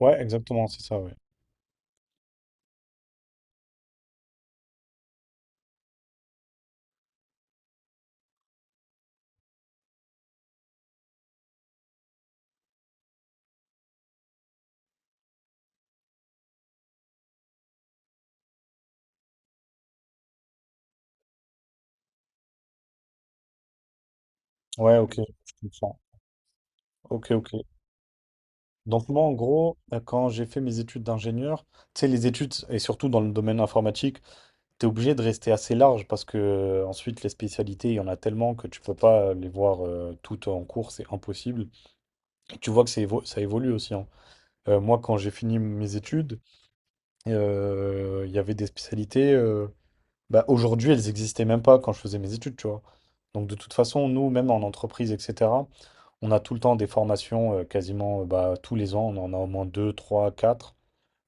Ouais, exactement, c'est ça, ouais. Ouais, ok, je comprends. Ok, ok. Donc moi, en gros, quand j'ai fait mes études d'ingénieur, tu sais, les études, et surtout dans le domaine informatique, t'es obligé de rester assez large parce que ensuite, les spécialités, il y en a tellement que tu peux pas les voir toutes en cours, c'est impossible. Et tu vois que ça évolue aussi, hein. Moi, quand j'ai fini mes études, il y avait des spécialités, bah, aujourd'hui, elles n'existaient même pas quand je faisais mes études, tu vois. Donc de toute façon, nous, même en entreprise, etc. On a tout le temps des formations, quasiment bah, tous les ans, on en a au moins deux, trois, quatre,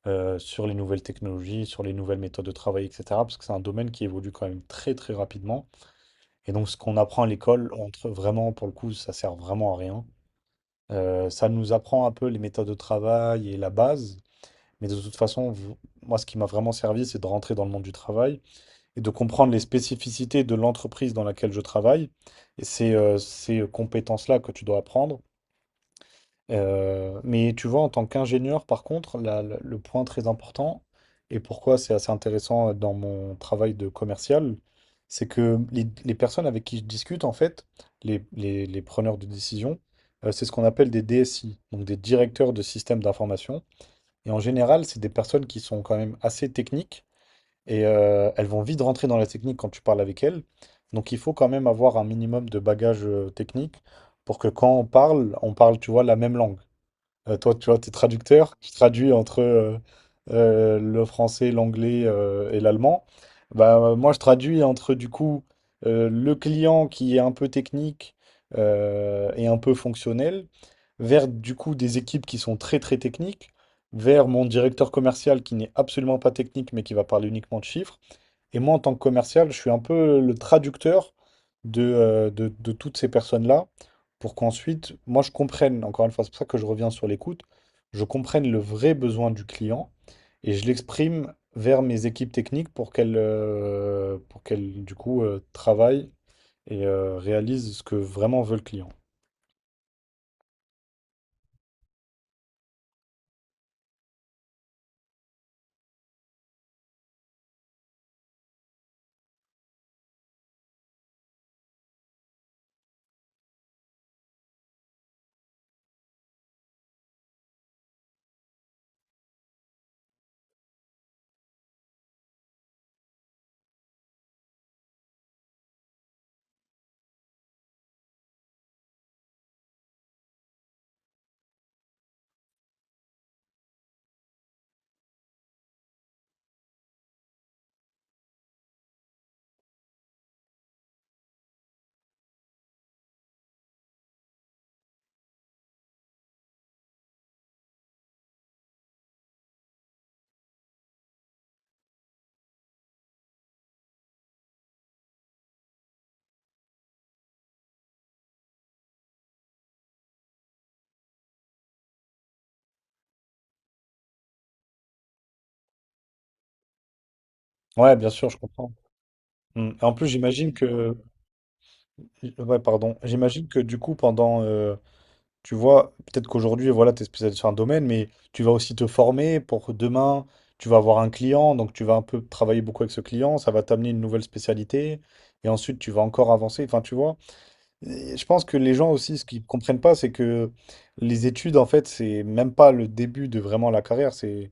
sur les nouvelles technologies, sur les nouvelles méthodes de travail, etc. Parce que c'est un domaine qui évolue quand même très très rapidement. Et donc ce qu'on apprend à l'école, entre vraiment, pour le coup, ça sert vraiment à rien. Ça nous apprend un peu les méthodes de travail et la base. Mais de toute façon, moi, ce qui m'a vraiment servi, c'est de rentrer dans le monde du travail et de comprendre les spécificités de l'entreprise dans laquelle je travaille. Et c'est ces compétences-là que tu dois apprendre. Mais tu vois, en tant qu'ingénieur, par contre, le point très important, et pourquoi c'est assez intéressant dans mon travail de commercial, c'est que les personnes avec qui je discute, en fait, les preneurs de décision, c'est ce qu'on appelle des DSI, donc des directeurs de systèmes d'information. Et en général, c'est des personnes qui sont quand même assez techniques, et elles vont vite rentrer dans la technique quand tu parles avec elles. Donc il faut quand même avoir un minimum de bagages techniques pour que quand on parle, tu vois, la même langue. Toi, tu vois, tu es traducteur, tu traduis entre le français, l'anglais et l'allemand. Bah, moi, je traduis entre, du coup, le client qui est un peu technique et un peu fonctionnel, vers, du coup, des équipes qui sont très, très techniques, vers mon directeur commercial qui n'est absolument pas technique, mais qui va parler uniquement de chiffres, et moi, en tant que commercial, je suis un peu le traducteur de toutes ces personnes-là pour qu'ensuite, moi, je comprenne, encore une fois, c'est pour ça que je reviens sur l'écoute, je comprenne le vrai besoin du client et je l'exprime vers mes équipes techniques pour qu'elles, du coup, travaillent et réalisent ce que vraiment veut le client. Ouais, bien sûr, je comprends. Mm. En plus, j'imagine que, ouais, pardon, j'imagine que du coup, pendant, tu vois, peut-être qu'aujourd'hui, voilà, tu es spécialisé sur un domaine, mais tu vas aussi te former pour que demain, tu vas avoir un client, donc tu vas un peu travailler beaucoup avec ce client, ça va t'amener une nouvelle spécialité, et ensuite tu vas encore avancer. Enfin, tu vois, et je pense que les gens aussi, ce qu'ils comprennent pas, c'est que les études, en fait, c'est même pas le début de vraiment la carrière. C'est,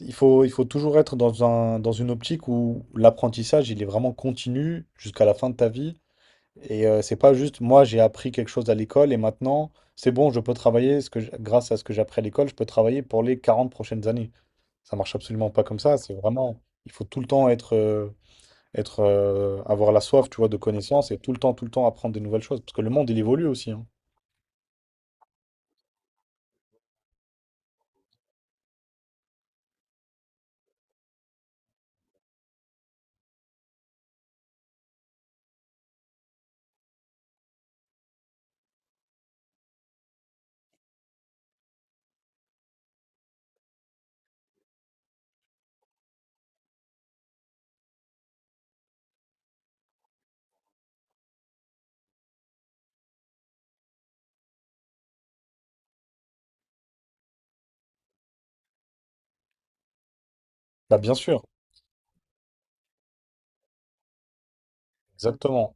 il faut toujours être dans un, dans une optique où l'apprentissage, il est vraiment continu jusqu'à la fin de ta vie. Et c'est pas juste moi j'ai appris quelque chose à l'école et maintenant c'est bon, je peux travailler grâce à ce que j'ai appris à l'école, je peux travailler pour les 40 prochaines années. Ça marche absolument pas comme ça, c'est vraiment il faut tout le temps être être avoir la soif, tu vois, de connaissances et tout le temps apprendre des nouvelles choses parce que le monde il évolue aussi, hein. Bah bien sûr, exactement.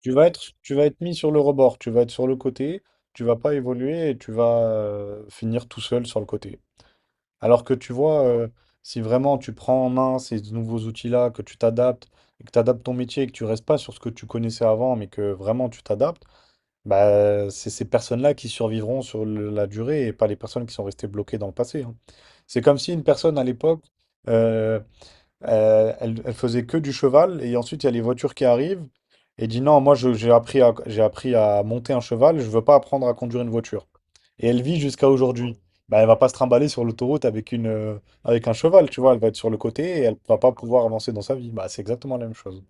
Tu vas être mis sur le rebord, tu vas être sur le côté, tu vas pas évoluer et tu vas finir tout seul sur le côté. Alors que tu vois, si vraiment tu prends en main ces nouveaux outils-là, que tu t'adaptes, et que tu adaptes ton métier et que tu restes pas sur ce que tu connaissais avant, mais que vraiment tu t'adaptes, bah, c'est ces personnes-là qui survivront sur la durée et pas les personnes qui sont restées bloquées dans le passé, hein. C'est comme si une personne à l'époque euh, elle, elle faisait que du cheval et ensuite il y a les voitures qui arrivent et dit non, j'ai appris à, monter un cheval, je veux pas apprendre à conduire une voiture. Et elle vit jusqu'à aujourd'hui. Bah, elle va pas se trimballer sur l'autoroute avec une, avec un cheval, tu vois, elle va être sur le côté et elle va pas pouvoir avancer dans sa vie. Bah, c'est exactement la même chose.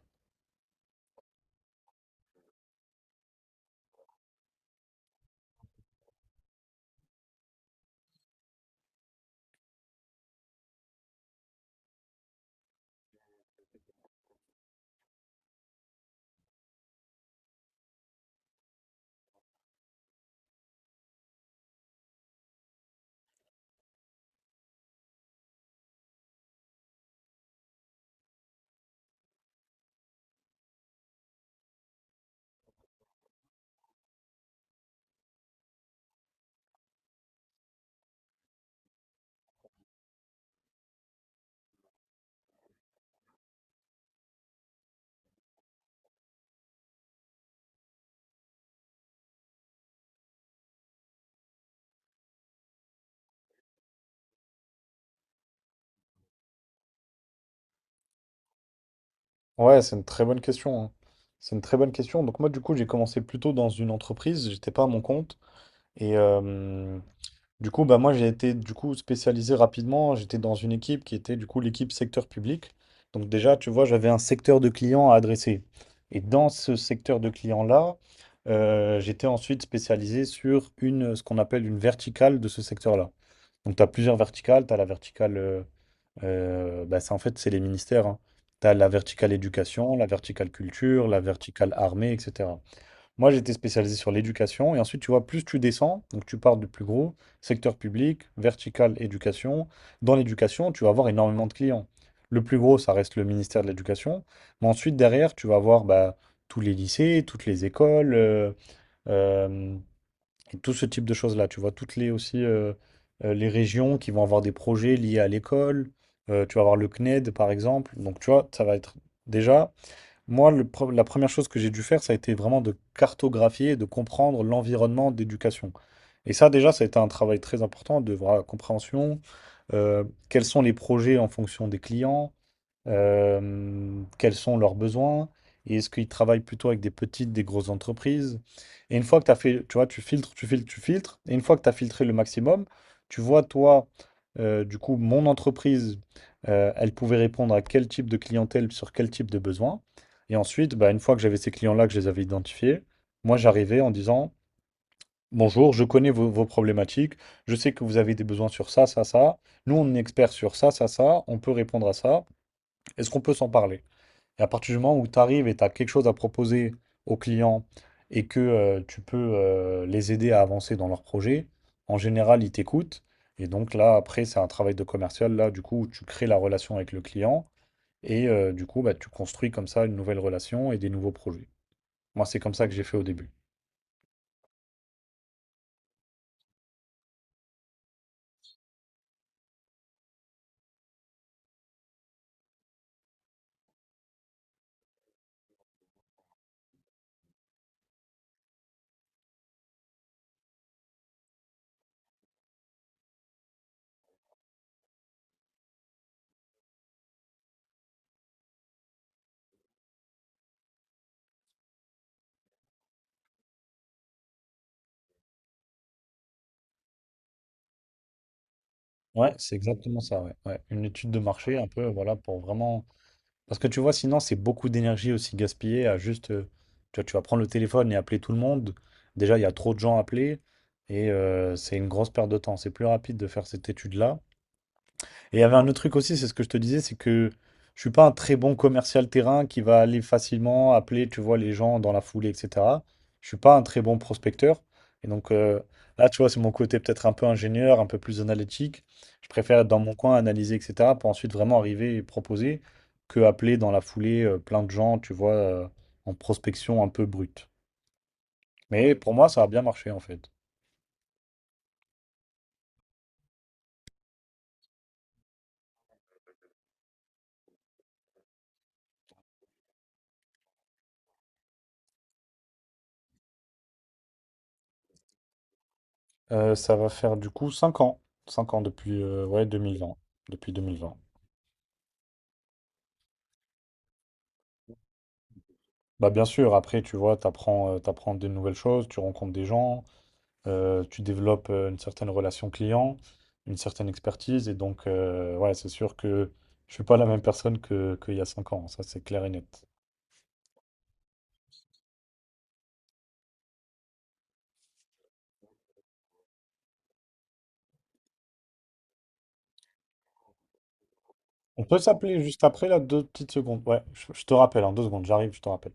Ouais, c'est une très bonne question, hein. C'est une très bonne question. Donc moi, du coup, j'ai commencé plutôt dans une entreprise. J'étais pas à mon compte. Et du coup, bah moi, j'ai été du coup spécialisé rapidement. J'étais dans une équipe qui était du coup l'équipe secteur public. Donc déjà, tu vois, j'avais un secteur de clients à adresser. Et dans ce secteur de clients-là, j'étais ensuite spécialisé sur une, ce qu'on appelle une verticale de ce secteur-là. Donc tu as plusieurs verticales. Tu as la verticale bah, c'est en fait, c'est les ministères, hein. Tu as la verticale éducation, la verticale culture, la verticale armée, etc. Moi, j'étais spécialisé sur l'éducation. Et ensuite, tu vois, plus tu descends, donc tu pars du plus gros, secteur public, verticale éducation. Dans l'éducation, tu vas avoir énormément de clients. Le plus gros, ça reste le ministère de l'Éducation. Mais ensuite, derrière, tu vas avoir bah, tous les lycées, toutes les écoles, euh, donc, tout ce type de choses-là, tu vois, toutes les aussi les régions qui vont avoir des projets liés à l'école. Tu vas avoir le CNED, par exemple. Donc, tu vois, ça va être déjà. Moi, la première chose que j'ai dû faire, ça a été vraiment de cartographier et de comprendre l'environnement d'éducation. Et ça, déjà, ça a été un travail très important de voir la compréhension, euh, quels sont les projets en fonction des clients, quels sont leurs besoins, et est-ce qu'ils travaillent plutôt avec des petites, des grosses entreprises. Et une fois que tu as fait, tu vois, tu filtres, tu filtres, tu filtres, et une fois que tu as filtré le maximum, tu vois, toi, du coup, mon entreprise, elle pouvait répondre à quel type de clientèle, sur quel type de besoin. Et ensuite, bah, une fois que j'avais ces clients-là, que je les avais identifiés, moi, j'arrivais en disant, bonjour, je connais vos problématiques, je sais que vous avez des besoins sur ça, ça, ça. Nous, on est experts sur ça, ça, ça, on peut répondre à ça. Est-ce qu'on peut s'en parler? Et à partir du moment où tu arrives et tu as quelque chose à proposer aux clients et que tu peux les aider à avancer dans leur projet, en général, ils t'écoutent. Et donc là, après, c'est un travail de commercial. Là, du coup, tu crées la relation avec le client et du coup, bah, tu construis comme ça une nouvelle relation et des nouveaux projets. Moi, c'est comme ça que j'ai fait au début. Ouais, c'est exactement ça. Ouais. Ouais, une étude de marché, un peu, voilà, pour vraiment. Parce que tu vois, sinon, c'est beaucoup d'énergie aussi gaspillée à juste. Tu vois, tu vas prendre le téléphone et appeler tout le monde. Déjà, il y a trop de gens à appeler et c'est une grosse perte de temps. C'est plus rapide de faire cette étude-là et il y avait un autre truc aussi, c'est ce que je te disais, c'est que je suis pas un très bon commercial terrain qui va aller facilement appeler, tu vois, les gens dans la foulée, etc. Je suis pas un très bon prospecteur. Et donc là, tu vois, c'est mon côté peut-être un peu ingénieur, un peu plus analytique. Je préfère être dans mon coin, analyser, etc. pour ensuite vraiment arriver et proposer que appeler dans la foulée plein de gens, tu vois, en prospection un peu brute. Mais pour moi, ça a bien marché en fait. Ça va faire du coup 5 ans. 5 ans depuis ouais, 2020. Depuis 2020. Bah bien sûr, après, tu vois, t'apprends de nouvelles choses, tu rencontres des gens, tu développes une certaine relation client, une certaine expertise. Et donc, ouais, c'est sûr que je suis pas la même personne qu'il y a 5 ans. Ça, c'est clair et net. On peut s'appeler juste après, là, 2 petites secondes. Ouais, je te rappelle, en 2 secondes, j'arrive, je te rappelle.